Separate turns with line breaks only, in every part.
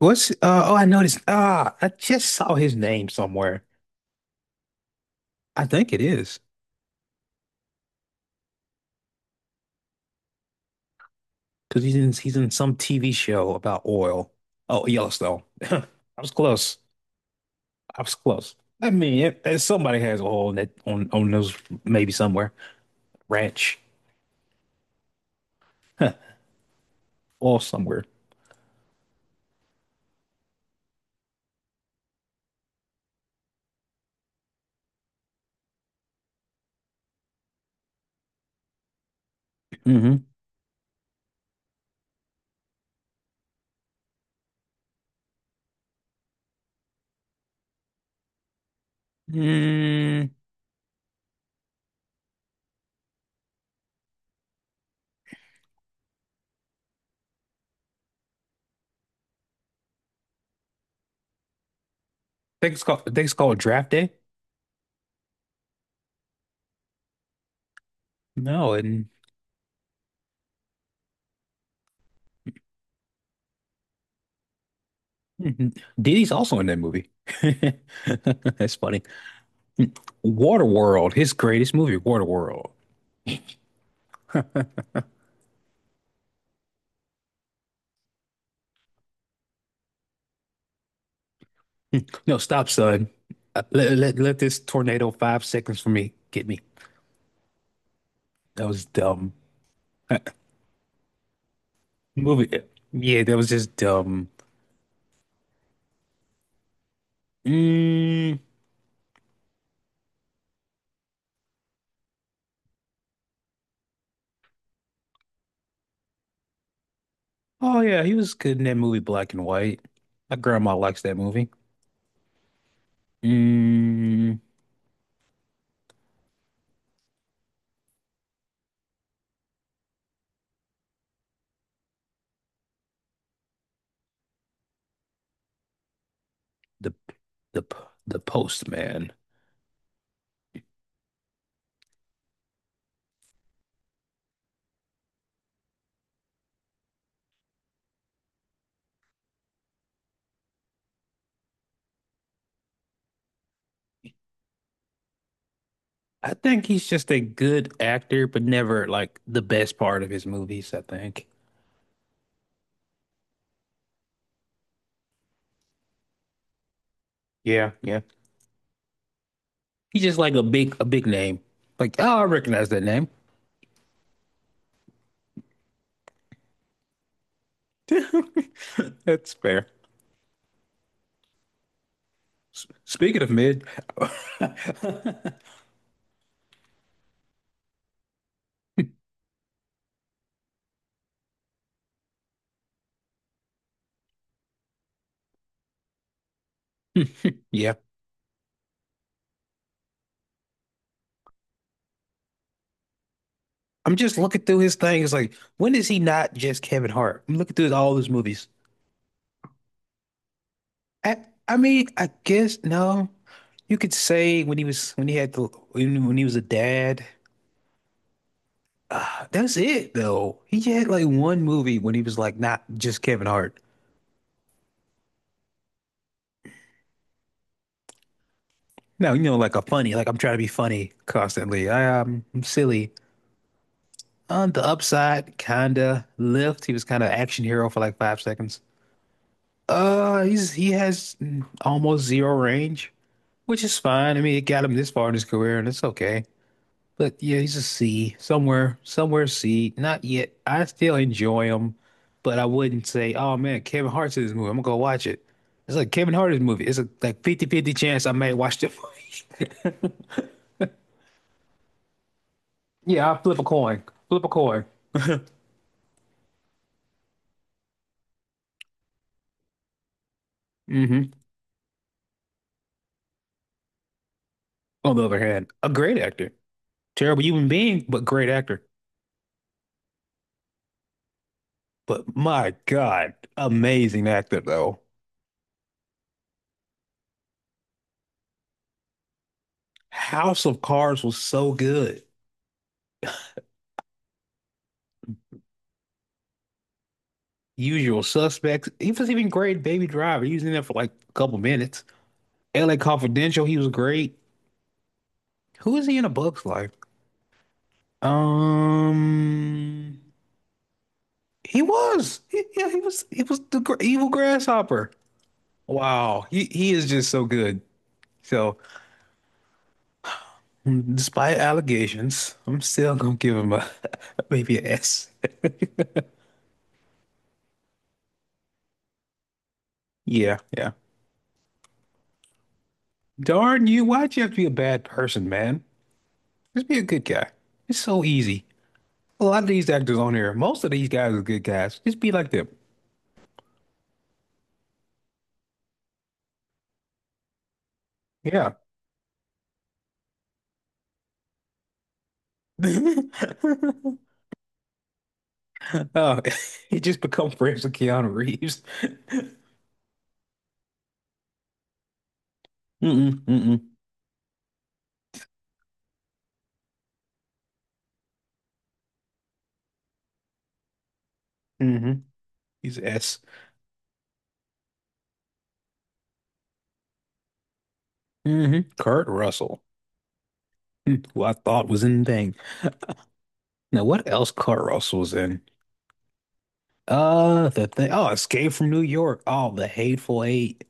What's uh Oh, I noticed, I just saw his name somewhere. I think it is because he's in some TV show about oil. Oh, Yellowstone. I was close. I was close. I mean, if somebody has oil in that, on those, maybe somewhere, ranch. Huh, oil somewhere. Mm-hmm. Mm, I I think it's called Draft Day. No, and mhm. Diddy's also in that movie. That's funny. Waterworld, his greatest movie, Waterworld. No, stop, son. Let this tornado 5 seconds for me get me. That was dumb. Uh, Movie. Yeah, that was just dumb. Mm, oh, yeah, he was good in that movie Black and White. My grandma likes that movie. Mm, the, the, the Postman. I think he's just a good actor, but never like the best part of his movies, I think. Yeah, yeah. He's just like a big name. Like, oh, I recognize that name. That's fair. Speaking of mid. Yeah, I'm just looking through his thing. It's like, when is he not just Kevin Hart? I'm looking through all his movies. I, I mean, I guess no. You could say when he was, when he had the, when he was a dad. That's it though. He had like one movie when he was like not just Kevin Hart. No, like a funny, like I'm trying to be funny constantly. I'm silly. On the upside, kinda. Lift, he was kind of action hero for like 5 seconds. He has almost zero range, which is fine. I mean, it got him this far in his career, and it's okay. But yeah, he's a C somewhere, somewhere C. Not yet. I still enjoy him, but I wouldn't say, oh man, Kevin Hart's in this movie. I'm gonna go watch it. It's like Kevin Hart's movie. It's a like fifty-fifty chance I may watch the movie. Yeah, I'll flip a coin. Flip a coin. Hmm. On the other hand, a great actor. Terrible human being, but great actor. But my God, amazing actor though. House of Cards was so good. Usual Suspects. He was even great in Baby Driver. He was in there for like a couple minutes. LA Confidential. He was great. Who is he in A Bug's Life? Um, he was. He, yeah, he was. He was the gr evil grasshopper. Wow. He is just so good. So, despite allegations, I'm still gonna give him a maybe an S. Yeah, yeah. Darn you! Why'd you have to be a bad person, man? Just be a good guy. It's so easy. A lot of these actors on here, most of these guys are good guys. Just be like them. Yeah. Oh, he just become friends with Keanu Reeves. Mm-mm, mm-mm, mm-hmm. He's S. Mm-hmm. Kurt Russell, who I thought was in Thing. Now, what else Kurt Russell was in? The thing. Oh, Escape from New York. Oh, The Hateful Eight.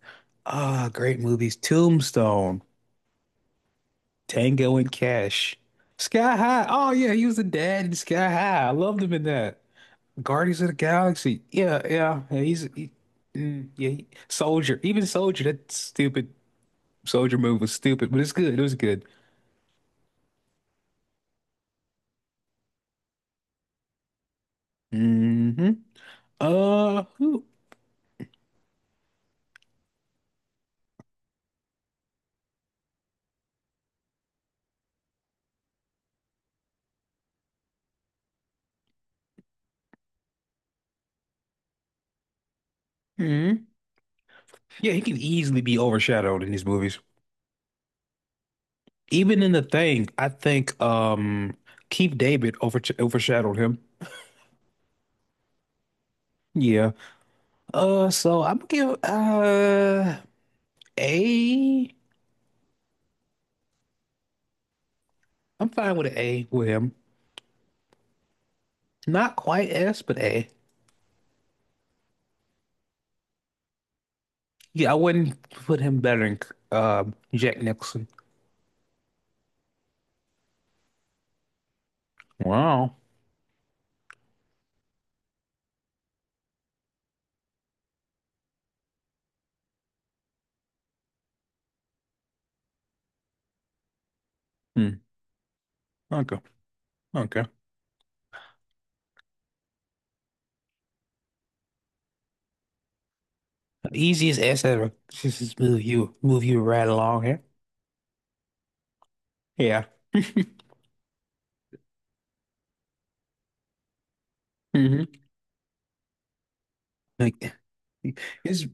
Ah, great movies. Tombstone, Tango and Cash, Sky High. Oh yeah, he was the dad in Sky High. I loved him in that. Guardians of the Galaxy. Yeah, yeah, yeah. Yeah, Soldier. Even Soldier. That stupid Soldier move was stupid, but it's good. It was good. Hmm. Who? Hmm. Yeah, he can easily be overshadowed in these movies. Even in The Thing, I think Keith David overshadowed him. Yeah. So I'm gonna give A. I'm fine with an A with him. Not quite S, but A. Yeah, I wouldn't put him better than uh, Jack Nicholson. Wow. Hmm. Okay. Okay. The easiest ass ever. Just move you right along here. Yeah. Hmm. Like it's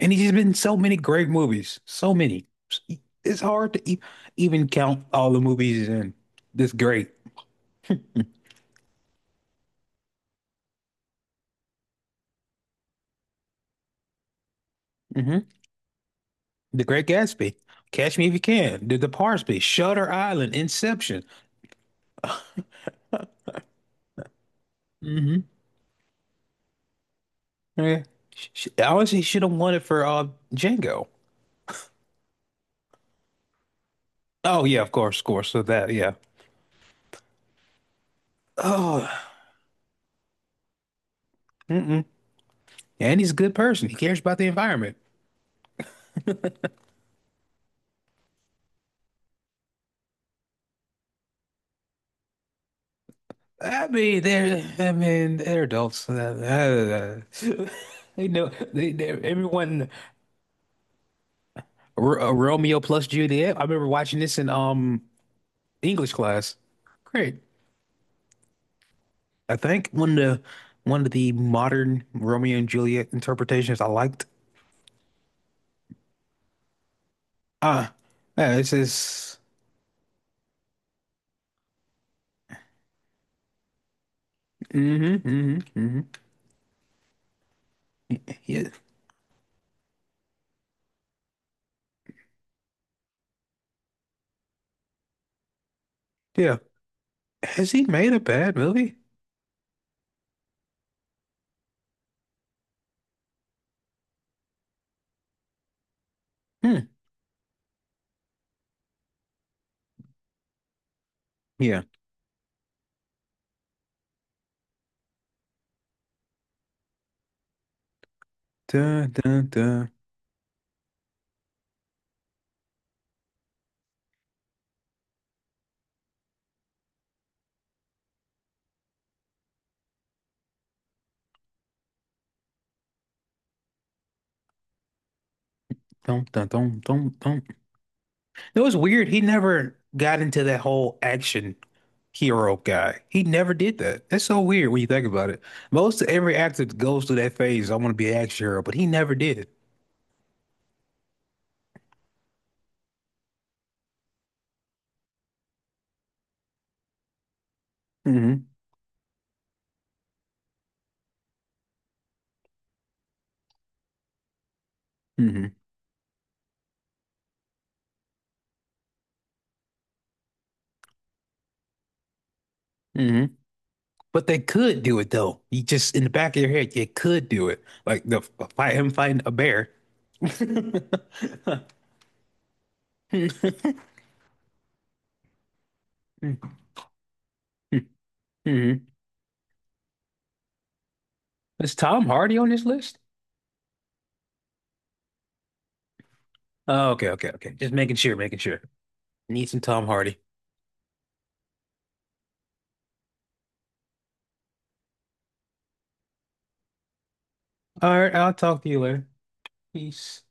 and he's been in so many great movies. So many. It's hard to e even count all the movies he's in. This great. Hmm. The Great Gatsby. Catch Me If You Can. The Departed. Shutter Island. Inception. Hmm. Yeah. Honestly, she should have won it for Django. Oh yeah, of course, of course. So that yeah. Oh, mm-mm. And he's a good person. He cares about the environment. I mean, they're adults. They know, they everyone, R Romeo plus Juliet. I remember watching this in English class. Great. I think one of the modern Romeo and Juliet interpretations I liked. Ah, yeah, this is. Mm-hmm, mm-hmm, mm-hmm. Yeah, yeah. Has he made a bad movie? Hmm. Yeah. Dun, dun, dun. Dun, dun, dun, dun, dun. It was weird. He never got into that whole action hero guy. He never did that. That's so weird when you think about it. Most every actor goes through that phase, I want to be an action hero, but he never did. Hmm. Hmm. Hmm. But they could do it though. You just in the back of your head, you could do it. Like the fight him fighting a bear. Hmm. Hmm. Is Tom Hardy on this list? Oh, okay, okay, okay. Just making sure, making sure. Need some Tom Hardy. All right, I'll talk to you later. Peace.